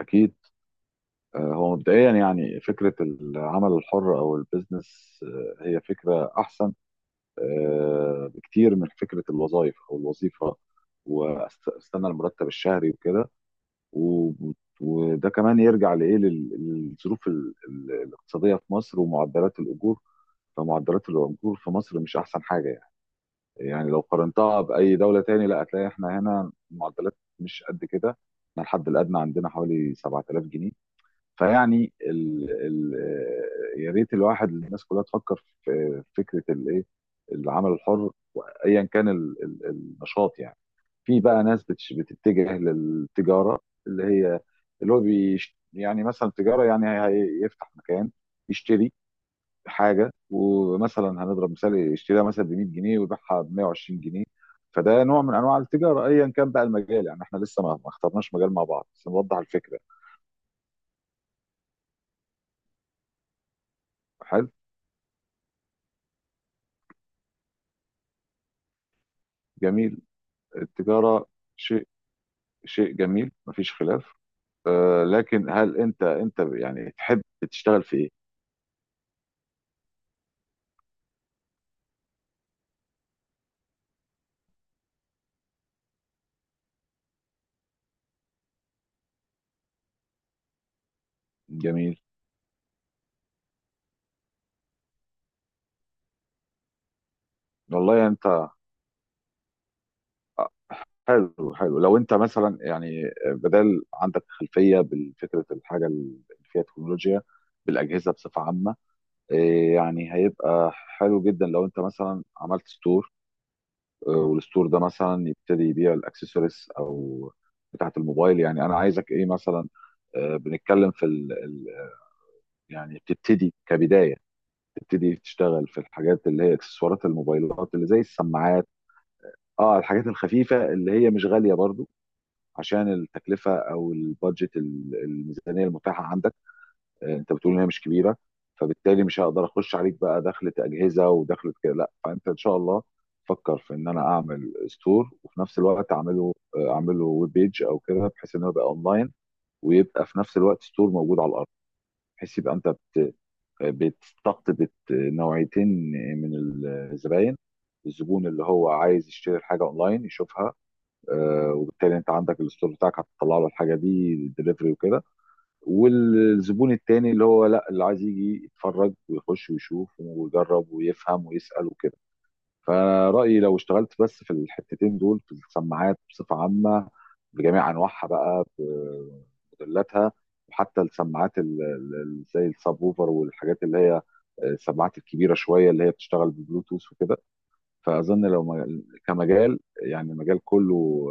أكيد. هو مبدئيا يعني فكرة العمل الحر أو البيزنس، هي فكرة أحسن بكتير من فكرة الوظائف أو الوظيفة واستنى المرتب الشهري وكده. و- وده كمان يرجع لإيه للظروف الاقتصادية في مصر ومعدلات الأجور. فمعدلات الأجور في مصر مش أحسن حاجة يعني. يعني لو قارنتها بأي دولة تاني لا هتلاقي إحنا هنا معدلات مش قد كده. إحنا الحد الأدنى عندنا حوالي 7000 جنيه. فيعني ال... ال... يا ريت الواحد الناس كلها تفكر في فكره الايه، العمل الحر، ايا كان النشاط يعني. في بقى ناس بتتجه للتجاره اللي هي، اللي هو يعني مثلا تجاره يعني هيفتح مكان يشتري حاجه، ومثلا هنضرب مثال يشتريها مثلا ب 100 جنيه ويبيعها ب 120 جنيه. فده نوع من انواع التجاره ايا كان بقى المجال يعني. احنا لسه ما اخترناش مجال مع بعض بس نوضح الفكره. حلو، جميل، التجارة شيء، شيء جميل مفيش خلاف. لكن هل انت يعني تحب تشتغل في ايه؟ جميل. والله يعني انت، حلو حلو لو انت مثلا يعني بدل عندك خلفيه بالفكره، الحاجه اللي فيها تكنولوجيا بالاجهزه بصفه عامه، إيه يعني هيبقى حلو جدا لو انت مثلا عملت ستور، والستور ده مثلا يبتدي يبيع الاكسسوارز او بتاعه الموبايل. يعني انا عايزك ايه مثلا، بنتكلم في يعني تبتدي كبداية، تبتدي تشتغل في الحاجات اللي هي اكسسوارات الموبايلات اللي زي السماعات. اه الحاجات الخفيفة اللي هي مش غالية برضو عشان التكلفة او البادجت الميزانية المتاحة عندك. انت بتقول ان هي مش كبيرة، فبالتالي مش هقدر اخش عليك بقى دخلة اجهزة ودخلة كده لا. فانت ان شاء الله فكر في ان انا اعمل ستور، وفي نفس الوقت اعمله اعمله ويب بيج او كده بحيث انه يبقى اونلاين، ويبقى في نفس الوقت ستور موجود على الارض، بحيث يبقى انت بتستقطب نوعيتين من الزباين. الزبون اللي هو عايز يشتري الحاجه اونلاين يشوفها، وبالتالي انت عندك الستور بتاعك هتطلع له الحاجه دي دليفري وكده، والزبون التاني اللي هو لا، اللي عايز يجي يتفرج ويخش ويشوف ويجرب ويفهم ويسال وكده. فانا رايي لو اشتغلت بس في الحتتين دول في السماعات بصفه عامه بجميع انواعها بقى، بموديلاتها، وحتى السماعات زي السبوفر والحاجات اللي هي، السماعات الكبيره شويه اللي هي بتشتغل ببلوتوث وكده. فاظن لو كمجال يعني، مجال كله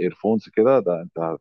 ايرفونز كده، ده انت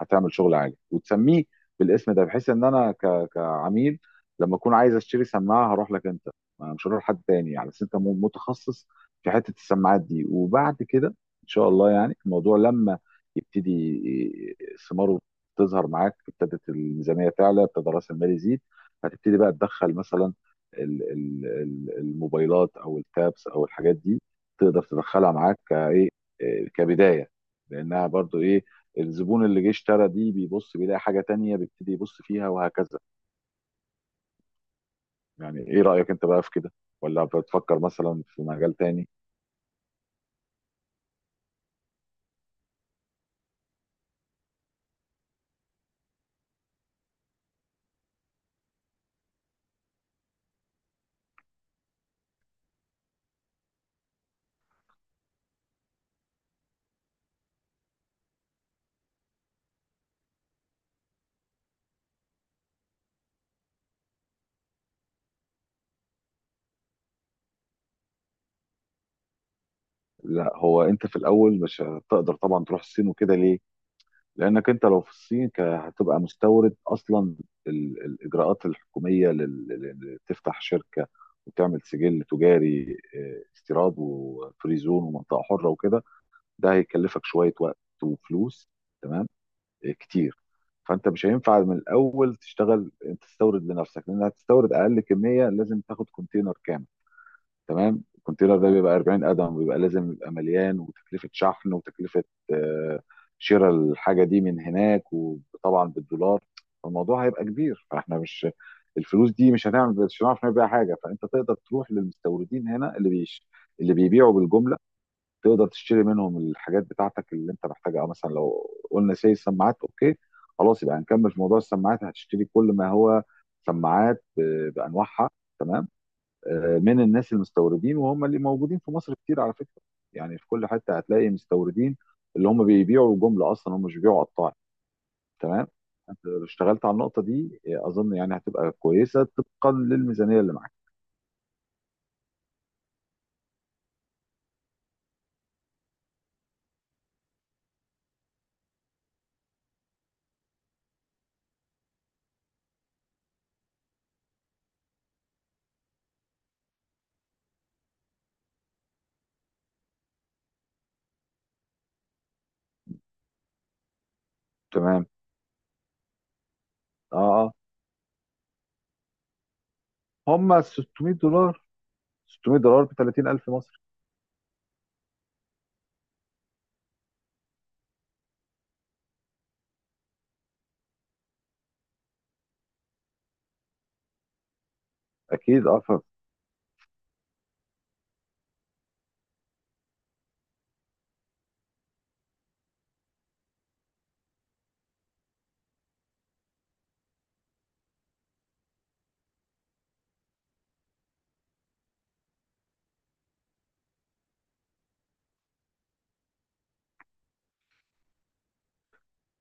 هتعمل شغل عالي وتسميه بالاسم ده، بحيث ان انا كعميل لما اكون عايز اشتري سماعه هروح لك انت، ما مش هروح لحد تاني يعني، بس انت متخصص في حته السماعات دي. وبعد كده ان شاء الله يعني الموضوع لما يبتدي ي- ثماره تظهر معاك، ابتدت الميزانيه تعلى ابتدى راس المال يزيد، هتبتدي بقى تدخل مثلا الموبايلات او التابس او الحاجات دي، تقدر تدخلها معاك كايه، إيه، كبدايه، لانها برضو ايه، الزبون اللي جه اشترى دي بيبص بيلاقي حاجة تانية بيبتدي يبص فيها، وهكذا. يعني ايه رأيك انت بقى في كده؟ ولا بتفكر مثلا في مجال تاني؟ لا، هو انت في الاول مش هتقدر طبعا تروح الصين وكده، ليه؟ لانك انت لو في الصين هتبقى مستورد اصلا. الاجراءات الحكومية تفتح شركة وتعمل سجل تجاري، اه، استيراد وفري زون ومنطقة حرة وكده، ده هيكلفك شوية وقت وفلوس، تمام، كتير. فانت مش هينفع من الاول تشتغل تستورد لنفسك، لان هتستورد اقل كميه لازم تاخد كونتينر كامل. تمام، الكونتينر ده بيبقى 40 قدم ويبقى لازم يبقى مليان، وتكلفه شحن وتكلفه، آه، شراء الحاجه دي من هناك وطبعا بالدولار. فالموضوع هيبقى كبير فاحنا مش، الفلوس دي مش هنعمل، مش هنعرف نبيع حاجه. فانت تقدر تروح للمستوردين هنا اللي بيش، اللي بيبيعوا بالجمله، تقدر تشتري منهم الحاجات بتاعتك اللي انت محتاجها. اه مثلا لو قلنا سي السماعات، اوكي خلاص يبقى هنكمل في موضوع السماعات. هتشتري كل ما هو سماعات بانواعها، تمام، من الناس المستوردين وهم اللي موجودين في مصر كتير على فكره. يعني في كل حته هتلاقي مستوردين اللي هم بيبيعوا جمله اصلا، هم مش بيبيعوا قطاعي. تمام. انت لو اشتغلت على النقطه دي اظن يعني هتبقى كويسه طبقا للميزانيه اللي معاك. تمام. اه اه، هم 600 دولار. 600 دولار ب 30,000 مصري، اكيد اه.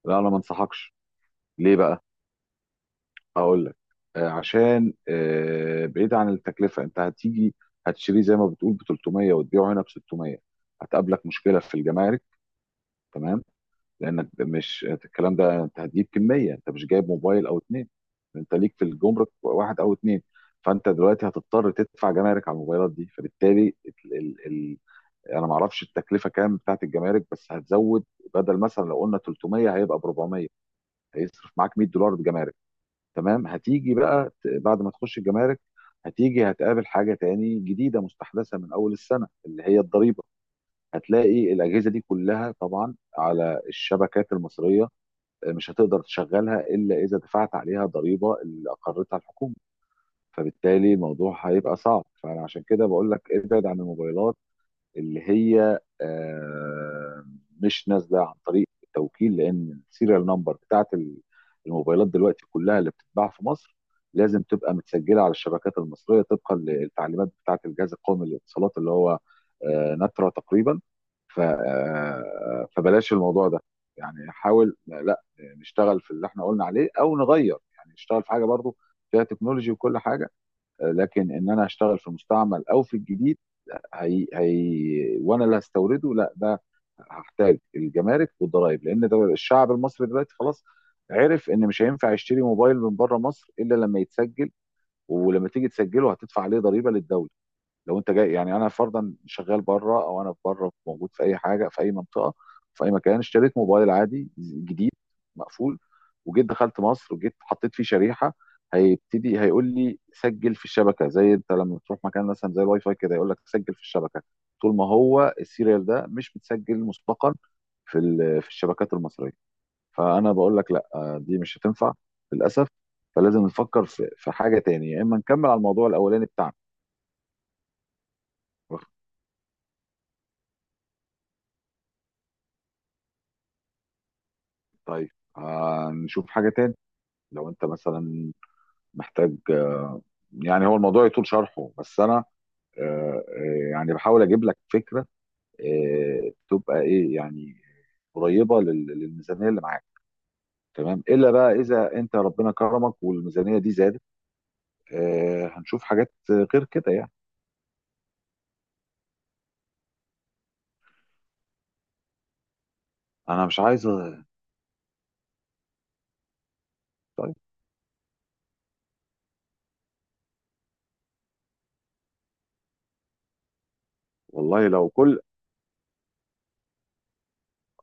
لا انا ما انصحكش. ليه بقى؟ هقول لك. آه عشان آه، بعيد عن التكلفه، انت هتيجي هتشتريه زي ما بتقول ب 300 وتبيعه هنا ب 600، هتقابلك مشكله في الجمارك. تمام. لانك مش الكلام ده، انت هتجيب كميه، انت مش جايب موبايل او اتنين، انت ليك في الجمرك واحد او اتنين. فانت دلوقتي هتضطر تدفع جمارك على الموبايلات دي. فبالتالي ال ال ال انا ما اعرفش التكلفه كام بتاعت الجمارك بس هتزود، بدل مثلا لو قلنا 300 هيبقى ب 400، هيصرف معاك 100 دولار جمارك. تمام، هتيجي بقى بعد ما تخش الجمارك، هتيجي هتقابل حاجه تاني جديده مستحدثه من اول السنه اللي هي الضريبه. هتلاقي الاجهزه دي كلها طبعا على الشبكات المصريه، مش هتقدر تشغلها الا اذا دفعت عليها ضريبه اللي اقرتها الحكومه. فبالتالي الموضوع هيبقى صعب، فانا عشان كده بقول لك ابعد عن الموبايلات اللي هي، مش نازله عن طريق التوكيل، لان السيريال نمبر بتاعت الموبايلات دلوقتي كلها اللي بتتباع في مصر لازم تبقى متسجله على الشبكات المصريه طبقا للتعليمات بتاعت الجهاز القومي للاتصالات اللي هو، نترا تقريبا. ف آه، فبلاش الموضوع ده يعني. حاول لا نشتغل في اللي احنا قلنا عليه او نغير، يعني نشتغل في حاجه برضو فيها تكنولوجي وكل حاجه، لكن ان انا اشتغل في المستعمل او في الجديد، هي وانا اللي هستورده لا، ده هحتاج الجمارك والضرائب، لان ده الشعب المصري دلوقتي خلاص عرف ان مش هينفع يشتري موبايل من بره مصر الا لما يتسجل، ولما تيجي تسجله هتدفع عليه ضريبه للدوله. لو انت جاي، يعني انا فرضا شغال بره او انا بره موجود في اي حاجه، في اي منطقه، في اي مكان اشتريت موبايل عادي جديد مقفول، وجيت دخلت مصر وجيت حطيت فيه شريحه، هيبتدي هيقول لي سجل في الشبكه، زي انت لما تروح مكان مثلا زي الواي فاي كده يقول لك سجل في الشبكه، طول ما هو السيريال ده مش متسجل مسبقا في الشبكات المصريه. فانا بقول لك لا، دي مش هتنفع للاسف. فلازم نفكر في حاجه تانية، يا اما نكمل على الموضوع الاولاني بتاعنا. طيب، هنشوف حاجة تاني. لو انت مثلا محتاج، يعني هو الموضوع يطول شرحه بس انا يعني بحاول اجيب لك فكرة تبقى ايه يعني، قريبة للميزانية اللي معاك. تمام، الا بقى اذا انت ربنا كرمك والميزانية دي زادت، هنشوف حاجات غير كده يعني. انا مش عايز. طيب، والله لو كل،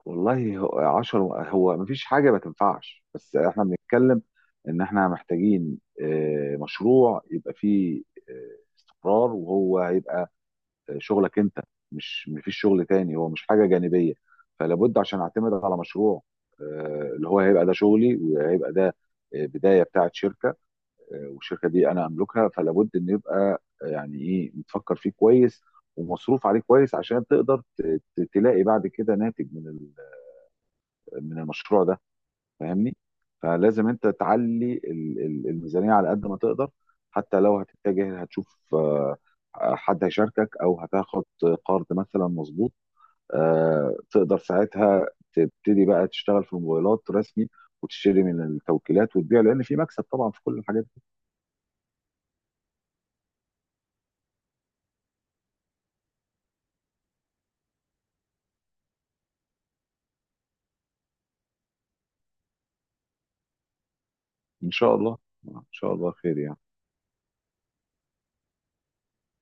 والله هو 10، هو مفيش حاجه ما تنفعش، بس احنا بنتكلم ان احنا محتاجين مشروع يبقى فيه استقرار، وهو هيبقى شغلك انت، مش مفيش شغل تاني، هو مش حاجه جانبيه. فلابد عشان اعتمد على مشروع اللي هو هيبقى ده شغلي، وهيبقى ده بدايه بتاعت شركه، والشركه دي انا املكها، فلابد ان يبقى يعني ايه متفكر فيه كويس ومصروف عليه كويس عشان تقدر تلاقي بعد كده ناتج من المشروع ده. فاهمني؟ فلازم انت تعلي الميزانيه على قد ما تقدر، حتى لو هتتجه هتشوف حد هيشاركك او هتاخد قرض مثلا، مظبوط، تقدر ساعتها تبتدي بقى تشتغل في الموبايلات رسمي، وتشتري من التوكيلات وتبيع لان في مكسب طبعا في كل الحاجات دي. ان شاء الله، ان شاء الله خير يعني.